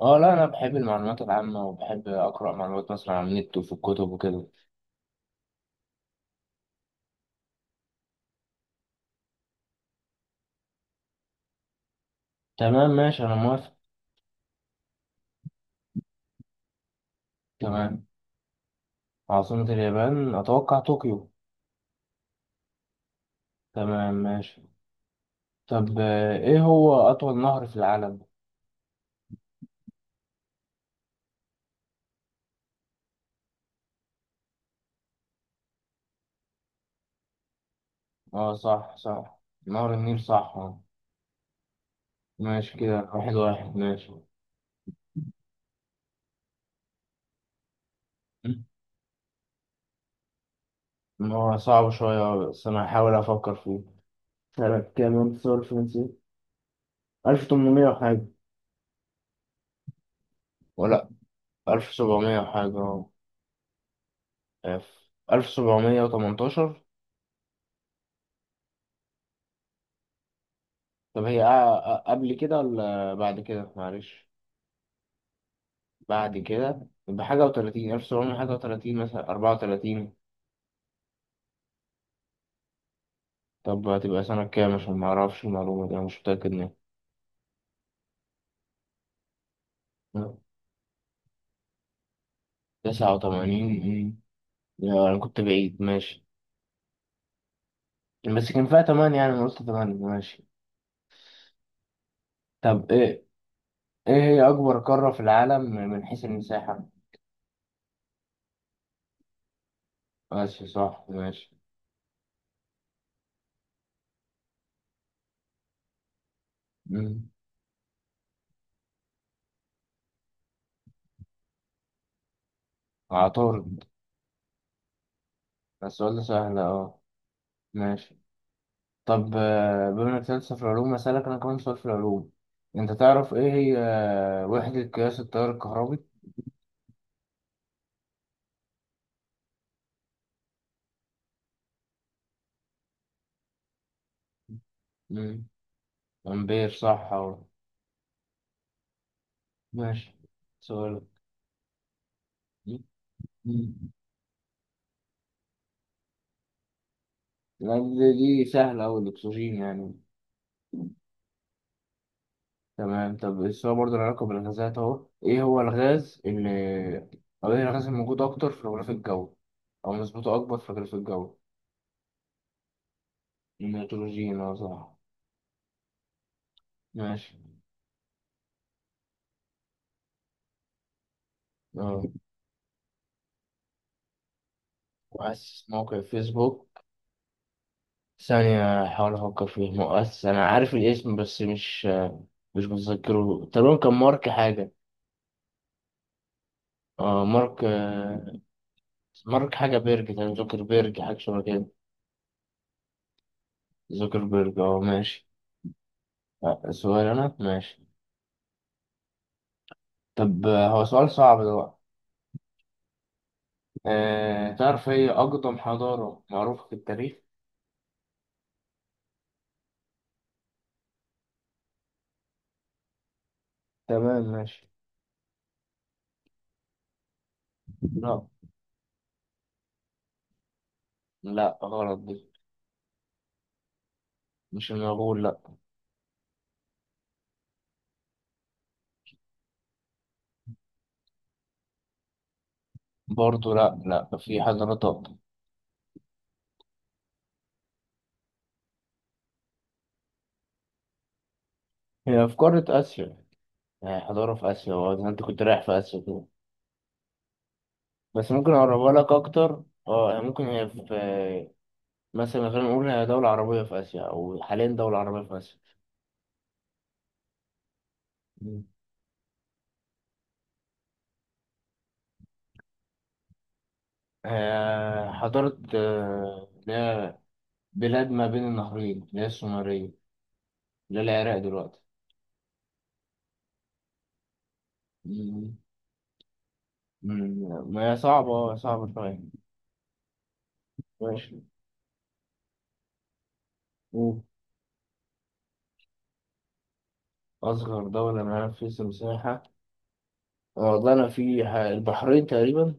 اه، لا، انا بحب المعلومات العامة، وبحب اقرأ معلومات مثلا على النت وفي الكتب وكده. تمام، ماشي، انا موافق. تمام. عاصمة اليابان اتوقع طوكيو. تمام، ماشي. طب ايه هو اطول نهر في العالم؟ اه، صح صح. نهر النيل، صح، اه. ماشي كده، واحد واحد، ماشي. هو صعب شوية، بس انا هحاول افكر فيه. سنة كام انتصار الفرنسي؟ 1800 وحاجة؟ ولا 1700 وحاجة؟ اه، آه، 1718. طب هي قبل كده ولا بعد كده؟ معلش. بعد كده، بحاجة وتلاتين، ألف سبعمية حاجة وتلاتين، مثلا 34. طب هتبقى سنة كام؟ عشان معرفش المعلومة دي، أنا مش متأكد منها. 89. أنا كنت بعيد، ماشي. بس كان فيها تمانية، يعني أنا قلت تمانية، ماشي. طب إيه هي أكبر قارة في العالم من حيث المساحة؟ ماشي، صح، ماشي. مم. عطارد. السؤال ده سهل، أه. ماشي. طب بما انك لسه في العلوم، اسالك انا كمان سؤال في العلوم. انت تعرف ايه هي وحدة قياس التيار الكهربي؟ مم. امبير، صح اهو. ماشي. سؤال. دي دي سهلة أوي، الأكسجين يعني. تمام. طب السؤال برضه له علاقة بالغازات أهو، إيه هو الغاز اللي أو إيه الغاز الموجود أكتر في الغلاف الجوي، أو نسبته أكبر في الغلاف الجوي؟ النيتروجين، أه صح. ماشي. أه، مؤسس موقع فيسبوك. ثانية أحاول أفكر فيه. مؤسس، أنا عارف الاسم بس مش متذكره. تقريبا كان مارك حاجة. اه، مارك، مارك حاجة بيرج تقريبا، زوكربيرج، حاجة شبه كده. زوكربيرج، اه، ماشي. سؤال أنا، ماشي. طب هو سؤال صعب ده بقى. أه، تعرف هي أقدم حضارة معروفة في التاريخ؟ تمام، ماشي. لا، لا، غلط دي. مش المغول، لا. برضه لا، لا، في حضارات أقدم. هي في قارة آسيا. يعني حضارة في آسيا، وأنت كنت رايح في آسيا كده. بس ممكن اقربها لك اكتر، اه، يعني ممكن هي في، مثلا خلينا نقول هي دولة عربية في اسيا، او حاليا دولة عربية في اسيا. مم. حضارة، اللي هي بلاد ما بين النهرين، اللي هي السومرية، اللي هي العراق دلوقتي. مم. ما هي صعبة، اه، صعبة شوية. ماشي. أوه. أصغر دولة، منافسة مساحة. والله أنا في البحرين تقريبا.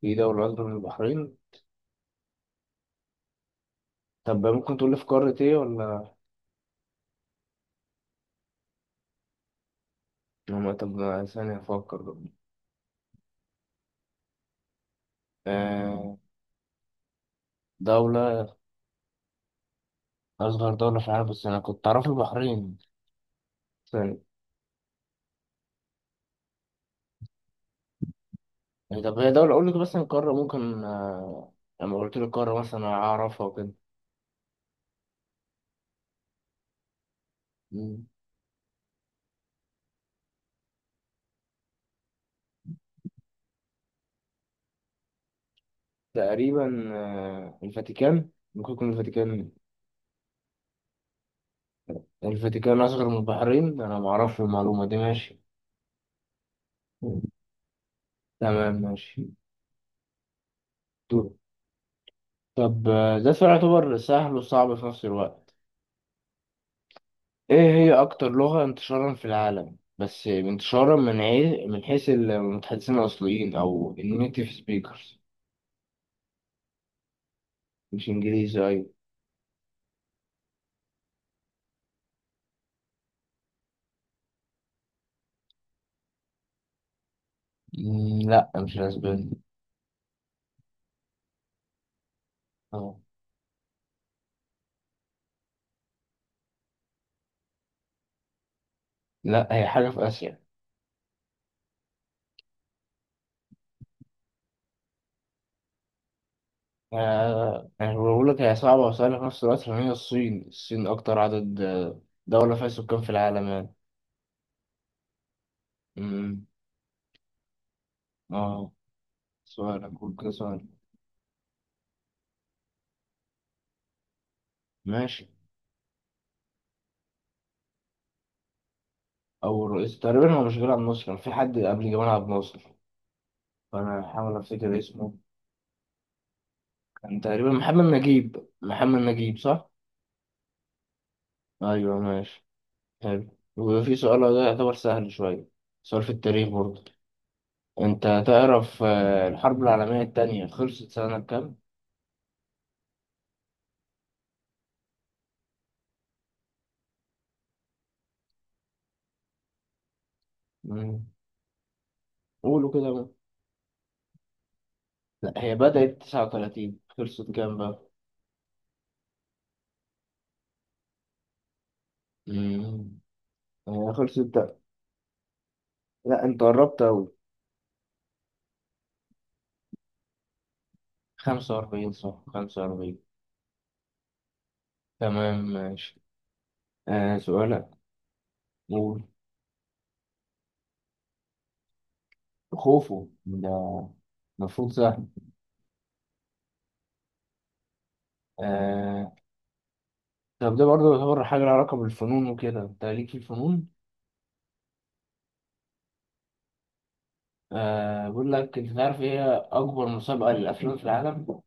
في دولة أكبر من البحرين؟ طب ممكن تقول لي في قارة إيه ولا؟ ما طب، ثانية أفكر. آه. دولة أصغر دولة في العالم، بس أنا كنت أعرف البحرين. ثاني. يعني طب هي دولة، أقول لك مثلا قارة ممكن، لما قلت لك قارة مثلا أعرفها وكده. مم. تقريبا الفاتيكان. ممكن يكون الفاتيكان. الفاتيكان أصغر من البحرين؟ أنا معرفش المعلومة دي، ماشي. مم. تمام، ماشي. دول. طب ده سؤال يعتبر سهل وصعب في نفس الوقت. إيه هي أكتر لغة انتشارا في العالم؟ بس انتشارا من حيث المتحدثين الأصليين أو النيتيف سبيكرز. مش انجليزي، ايوه. لا، مش الاسباني. اه. لا، هي حاجة في آسيا. أنا بقول لك هي صعبة وسهلة في نفس الوقت، لأن هي الصين. الصين أكتر عدد دولة فيها سكان في العالم يعني. أمم، اه، سؤال، أقول كده سؤال. ماشي. أول رئيس تقريبا، هو مش جمال عبد الناصر؟ كان في حد قبل جمال عبد الناصر، فأنا هحاول أفتكر اسمه. كان تقريبا محمد نجيب، محمد نجيب صح؟ أيوه، ماشي. حلو. وفي سؤال ده يعتبر سهل شوية، سؤال في التاريخ برضه. انت تعرف الحرب العالمية التانية خلصت سنة كام؟ مم. قولوا كده بقى. لا، هي بدأت 39، خلصت كام بقى؟ مم. هي خلصت ده. لا، انت قربت أوي. 45، صح، 45. تمام، ماشي. آه، سؤالك، قول. خوفه ده، المفروض سهل. آه. طب ده برضه يعتبر حاجة لها علاقة بالفنون وكده، انت ليك في الفنون؟ آه، بقول لك، انت تعرف ايه هي أكبر مسابقة للأفلام في العالم؟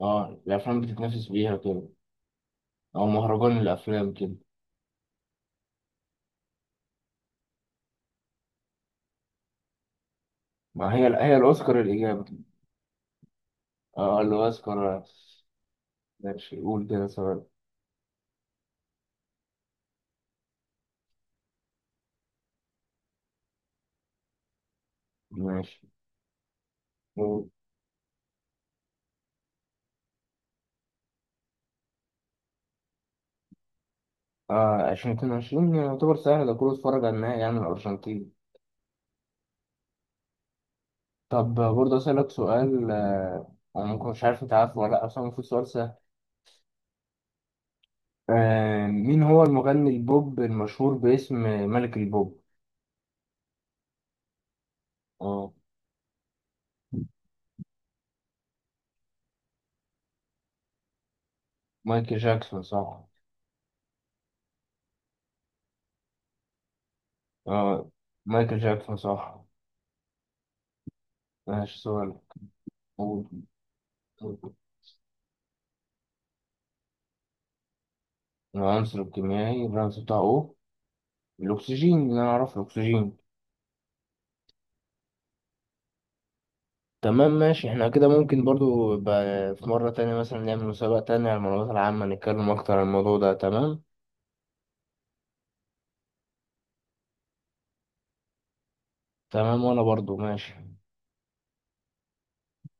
اه، الأفلام بتتنافس بيها وكده، او مهرجان الافلام كده. ما هي الاوسكار الاجابه. اه، الاوسكار، ماشي، قول كده سؤال. ماشي، قول. اه، 2022 يعتبر سهل ده، كله اتفرج على النهائي، يعني الارجنتين. طب برضه اسالك سؤال، انا ممكن مش عارف انت عارفه ولا لا، بس هو المفروض سؤال سهل. مين هو المغني البوب المشهور باسم ملك البوب؟ اه، مايكل جاكسون صح. اه، مايكل جاكسون صح. ماشي، سؤال، قول. العنصر الكيميائي الرمز بتاعه O؟ الاكسجين، اللي انا اعرفه الاكسجين. تمام، ماشي. احنا كده ممكن برضو يبقى في مرة تانية مثلا نعمل مسابقة تانية على المعلومات العامة، نتكلم اكتر عن الموضوع ده، تمام. تمام، وانا برضو ماشي.